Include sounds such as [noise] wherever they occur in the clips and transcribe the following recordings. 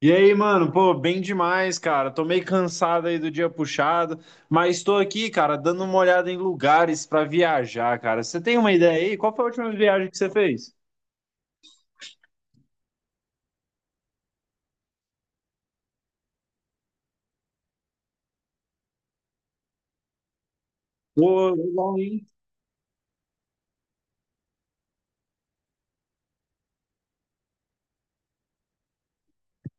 E aí, mano, pô, bem demais, cara. Tô meio cansado aí do dia puxado, mas tô aqui, cara, dando uma olhada em lugares pra viajar, cara. Você tem uma ideia aí? Qual foi a última viagem que você fez? Ô, legal, hein?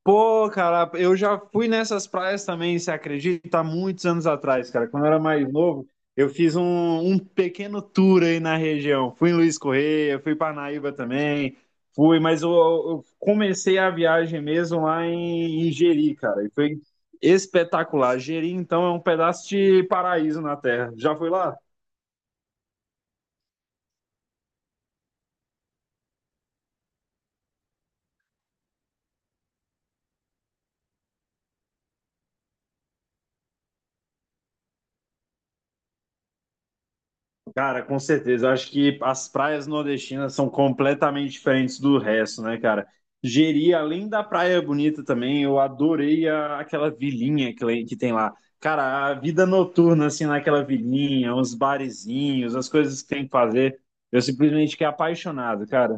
Pô, cara, eu já fui nessas praias também, você acredita? Há muitos anos atrás, cara. Quando eu era mais novo, eu fiz um pequeno tour aí na região. Fui em Luiz Correia, fui para Naíba também, fui, mas eu comecei a viagem mesmo lá em, em Jeri, cara. E foi espetacular. Jeri, então, é um pedaço de paraíso na Terra. Já foi lá? Cara, com certeza. Eu acho que as praias nordestinas são completamente diferentes do resto, né, cara? Jeri, além da praia bonita também, eu adorei aquela vilinha que, que tem lá. Cara, a vida noturna, assim, naquela vilinha, os barezinhos, as coisas que tem que fazer. Eu simplesmente fiquei apaixonado, cara.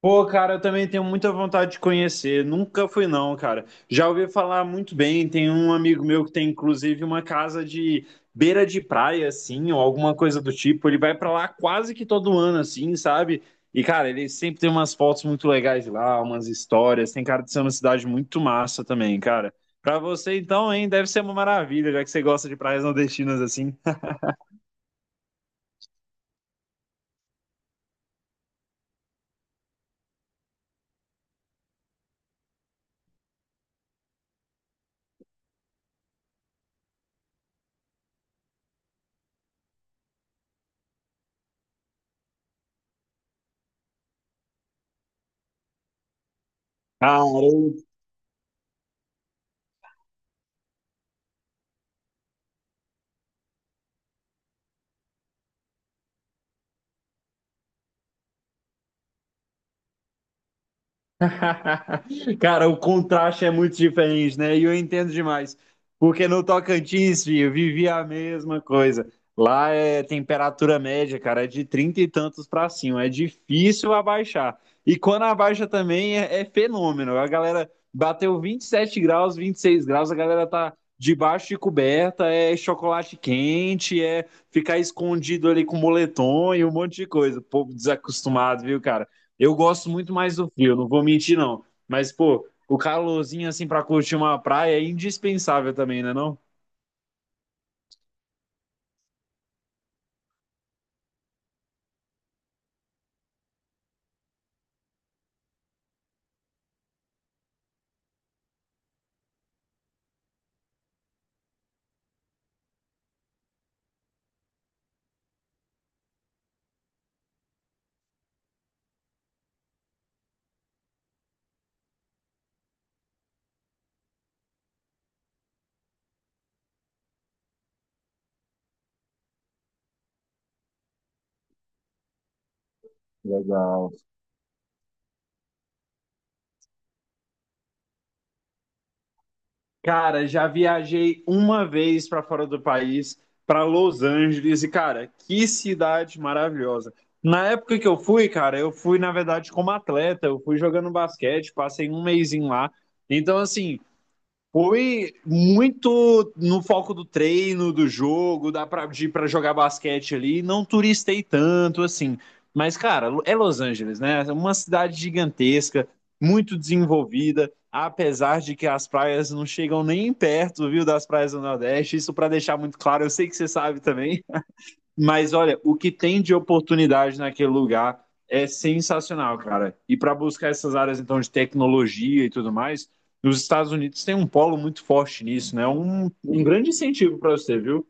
Pô, cara, eu também tenho muita vontade de conhecer. Nunca fui, não, cara. Já ouvi falar muito bem. Tem um amigo meu que tem, inclusive, uma casa de beira de praia, assim, ou alguma coisa do tipo. Ele vai pra lá quase que todo ano, assim, sabe? E, cara, ele sempre tem umas fotos muito legais de lá, umas histórias. Tem cara de ser uma cidade muito massa também, cara. Pra você, então, hein, deve ser uma maravilha, já que você gosta de praias nordestinas assim. Cara, [laughs] cara, o contraste é muito diferente, né? E eu entendo demais. Porque no Tocantins, filho, eu vivia a mesma coisa. Lá é temperatura média, cara, é de 30 e tantos pra cima. É difícil abaixar. E quando abaixa também é fenômeno. A galera bateu 27 graus, 26 graus, a galera tá debaixo de coberta, é chocolate quente, é ficar escondido ali com moletom e um monte de coisa. Povo desacostumado, viu, cara? Eu gosto muito mais do frio, não vou mentir, não. Mas, pô, o calorzinho, assim, pra curtir uma praia é indispensável também, né, não? Cara, já viajei uma vez pra fora do país, pra Los Angeles, e, cara, que cidade maravilhosa. Na época que eu fui, cara, eu fui, na verdade, como atleta, eu fui jogando basquete, passei um mesinho lá. Então, assim, foi muito no foco do treino, do jogo, dá pra, de ir pra jogar basquete ali. Não turistei tanto, assim. Mas, cara, é Los Angeles, né? É uma cidade gigantesca, muito desenvolvida, apesar de que as praias não chegam nem perto, viu, das praias do Nordeste. Isso pra deixar muito claro, eu sei que você sabe também. Mas olha, o que tem de oportunidade naquele lugar é sensacional, cara. E para buscar essas áreas então de tecnologia e tudo mais, os Estados Unidos têm um polo muito forte nisso, né? Um grande incentivo para você, viu?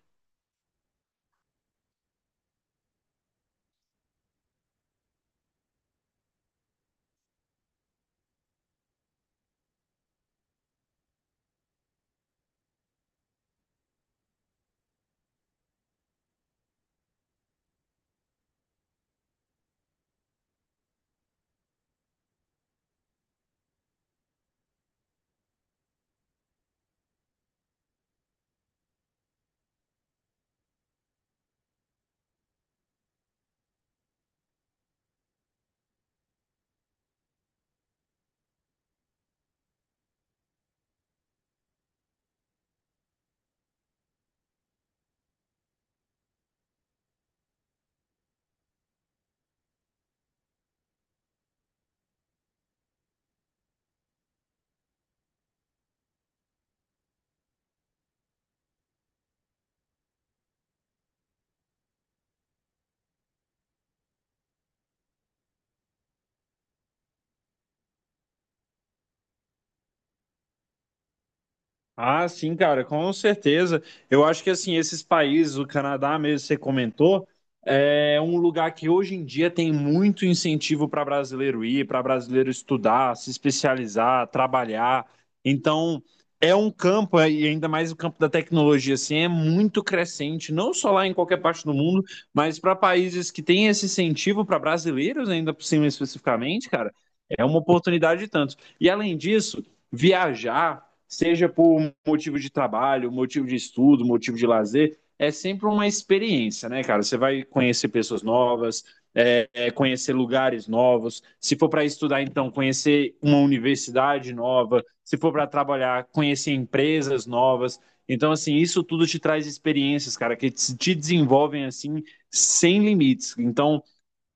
Ah, sim, cara, com certeza. Eu acho que assim, esses países, o Canadá mesmo, você comentou, é um lugar que hoje em dia tem muito incentivo para brasileiro ir, para brasileiro estudar, se especializar, trabalhar. Então, é um campo, e ainda mais o campo da tecnologia, assim, é muito crescente, não só lá em qualquer parte do mundo, mas para países que têm esse incentivo para brasileiros, ainda por cima especificamente, cara, é uma oportunidade e tanto. E além disso, viajar seja por motivo de trabalho, motivo de estudo, motivo de lazer, é sempre uma experiência, né, cara? Você vai conhecer pessoas novas, conhecer lugares novos. Se for para estudar, então, conhecer uma universidade nova. Se for para trabalhar, conhecer empresas novas. Então, assim, isso tudo te traz experiências, cara, que te desenvolvem, assim, sem limites. Então,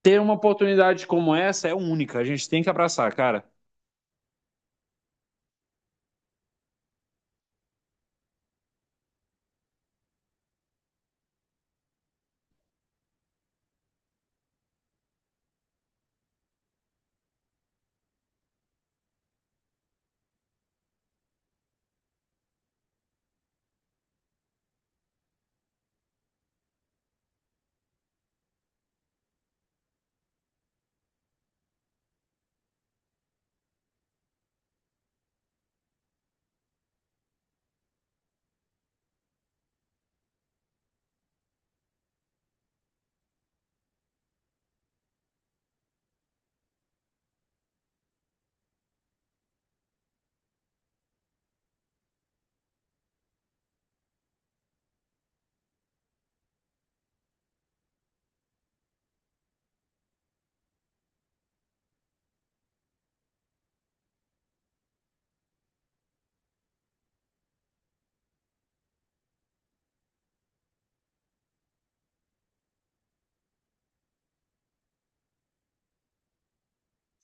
ter uma oportunidade como essa é única. A gente tem que abraçar, cara.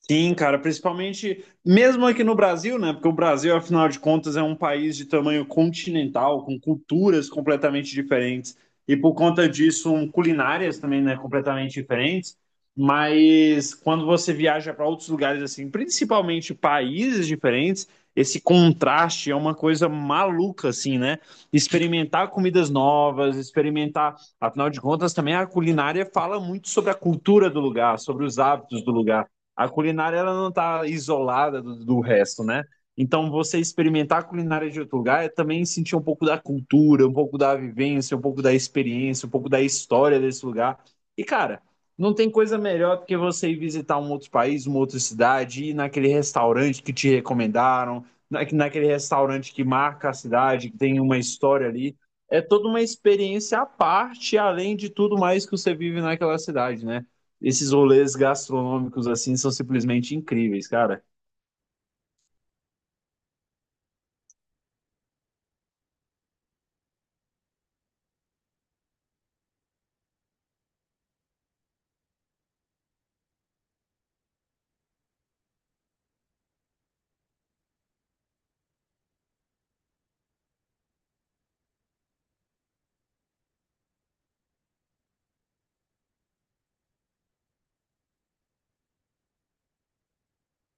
Sim, cara, principalmente mesmo aqui no Brasil, né? Porque o Brasil, afinal de contas, é um país de tamanho continental, com culturas completamente diferentes e por conta disso, culinárias também, né, completamente diferentes. Mas quando você viaja para outros lugares assim, principalmente países diferentes, esse contraste é uma coisa maluca assim, né? Experimentar comidas novas, experimentar, afinal de contas, também a culinária fala muito sobre a cultura do lugar, sobre os hábitos do lugar. A culinária ela não está isolada do resto, né? Então, você experimentar a culinária de outro lugar é também sentir um pouco da cultura, um pouco da vivência, um pouco da experiência, um pouco da história desse lugar. E, cara, não tem coisa melhor do que você ir visitar um outro país, uma outra cidade, ir naquele restaurante que te recomendaram, naquele restaurante que marca a cidade, que tem uma história ali. É toda uma experiência à parte, além de tudo mais que você vive naquela cidade, né? Esses rolês gastronômicos assim são simplesmente incríveis, cara.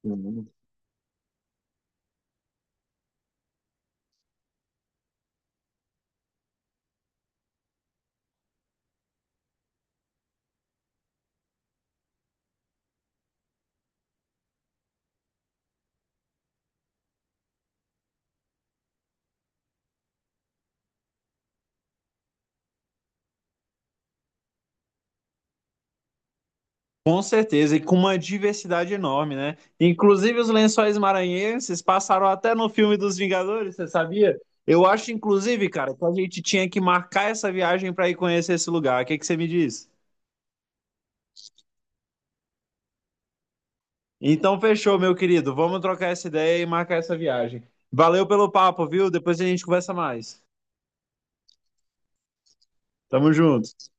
Uhum. Com certeza, e com uma diversidade enorme, né? Inclusive os Lençóis Maranhenses passaram até no filme dos Vingadores, você sabia? Eu acho, inclusive, cara, que a gente tinha que marcar essa viagem para ir conhecer esse lugar. O que que você me diz? Então, fechou, meu querido. Vamos trocar essa ideia e marcar essa viagem. Valeu pelo papo, viu? Depois a gente conversa mais. Tamo junto.